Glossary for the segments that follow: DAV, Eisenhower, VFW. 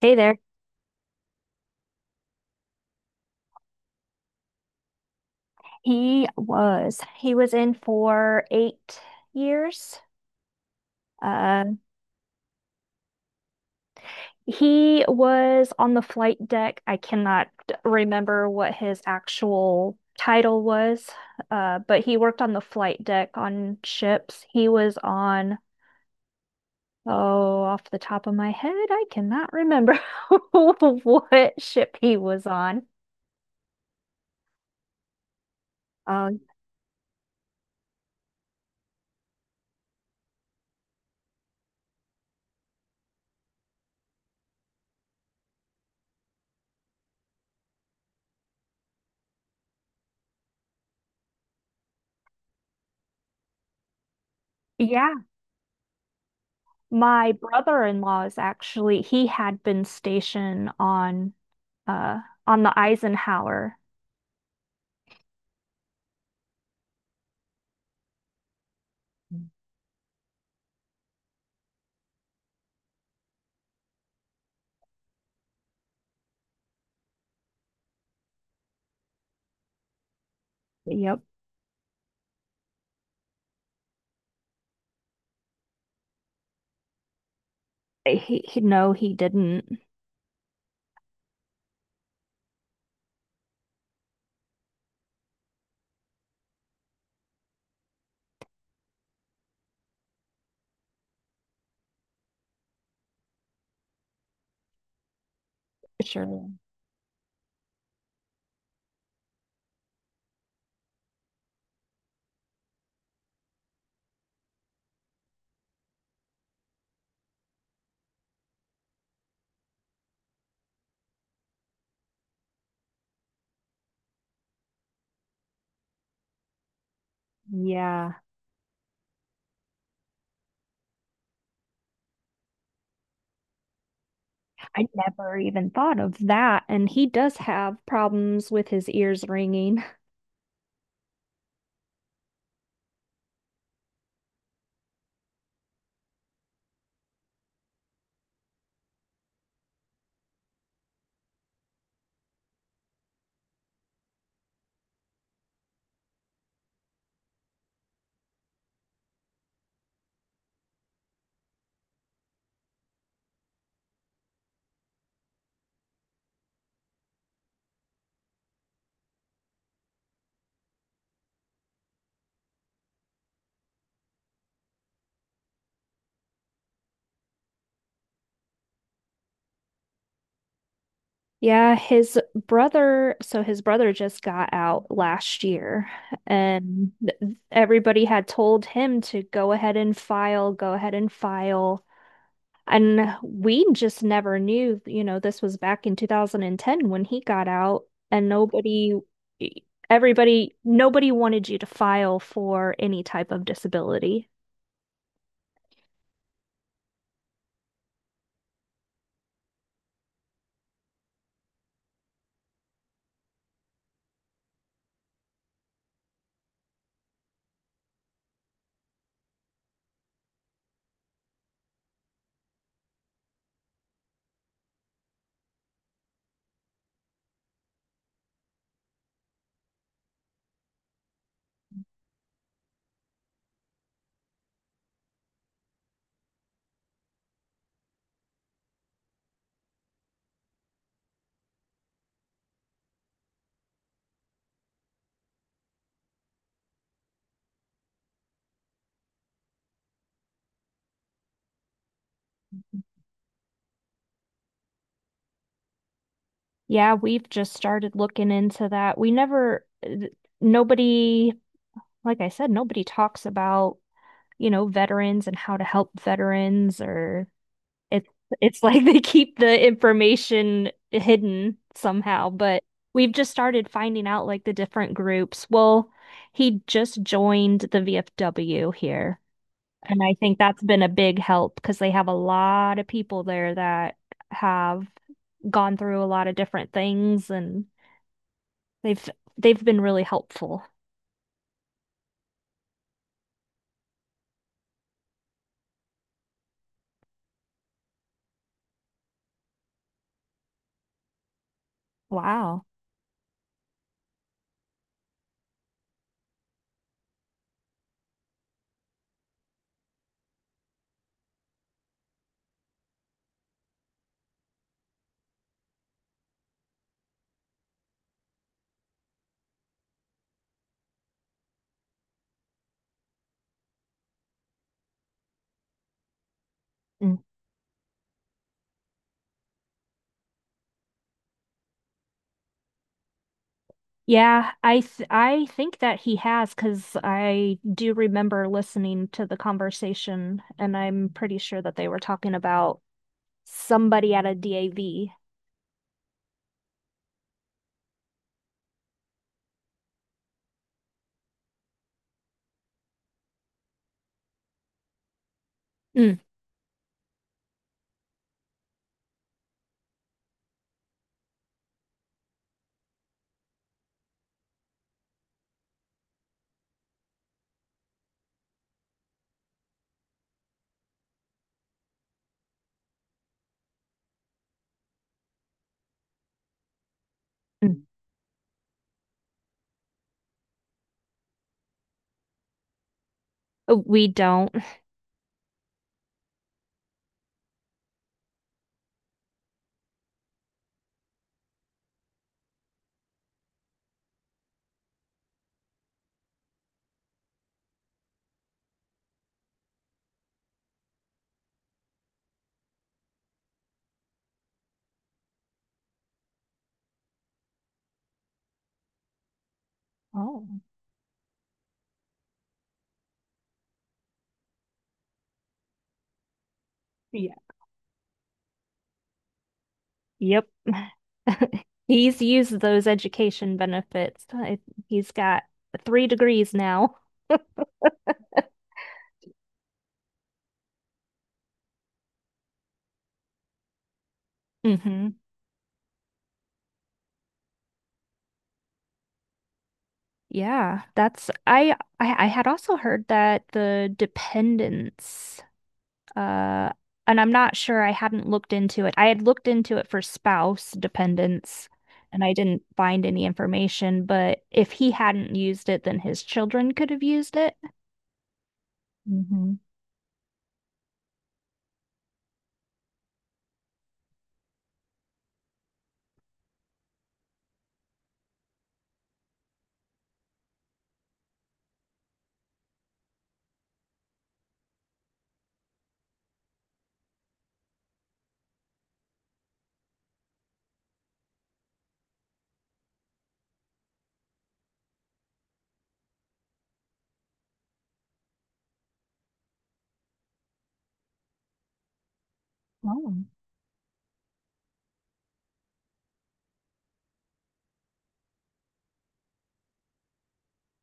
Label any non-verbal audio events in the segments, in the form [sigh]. Hey there. He was. He was in for 8 years. Uh, he was on the flight deck. I cannot remember what his actual title was, but he worked on the flight deck on ships. He was on, oh, off the top of my head, I cannot remember [laughs] what ship he was on. Um, yeah, my brother-in-law is actually, he had been stationed on. uh on the Eisenhower. Yep. He, no, he didn't. Sure. Yeah. I never even thought of that. And he does have problems with his ears ringing. Yeah, so his brother just got out last year, and everybody had told him to go ahead and file, go ahead and file. And we just never knew, this was back in 2010 when he got out, and e, nobody wanted you to file for any type of disability. Yeah, we've just started looking into that. We never, th- Nobody, like I said, nobody talks about veterans and how to help veterans or. It's it's [laughs] like they keep the information hidden somehow, but we've just started finding out like the different groups. Well, he just joined the VFW here, and I think that's been a big help because they have a lot of people there that have gone through a lot of different things and they've they've been really helpful. Wow. Yeah, I think that he has because I do remember listening to the conversation, and I'm pretty sure that they were talking about somebody at a DAV. Mm. Mm. Oh, we don't. Oh, yeah. Yep. [laughs] He's used those education benefits. He's got three degrees now. Hmm. Yeah, that's I had also heard that the dependents. Uh, and I'm not sure I hadn't looked into it. I had looked into it for spouse dependents and I didn't find any information, but if he hadn't used it, then his children could have used it. Hmm.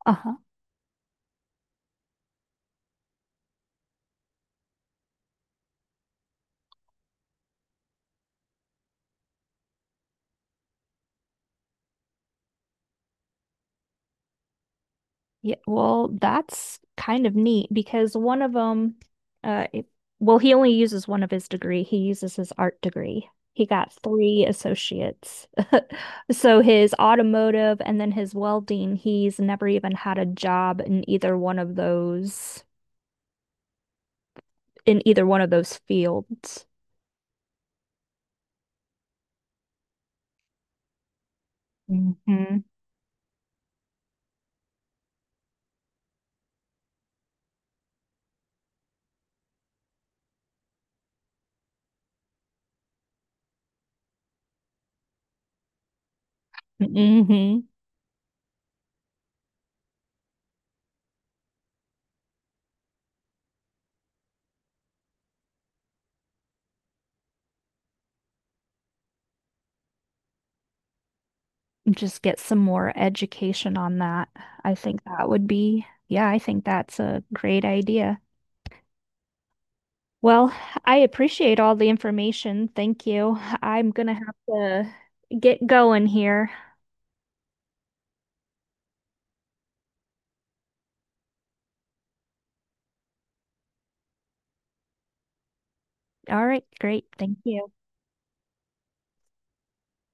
Oh. Yeah, well, that's kind of neat because one of them, uh, it, well, he only uses one of his degree. He uses his art degree. He got three associates. [laughs] So his automotive and then his welding, he's never even had a job in either one of those fields. Mm-hmm. Hmm. Just get some more education on that. I think that would be, yeah, I think that's a great idea. Well, I appreciate all the information. Thank you. I'm gonna have to get going here. All right, great. Thank you.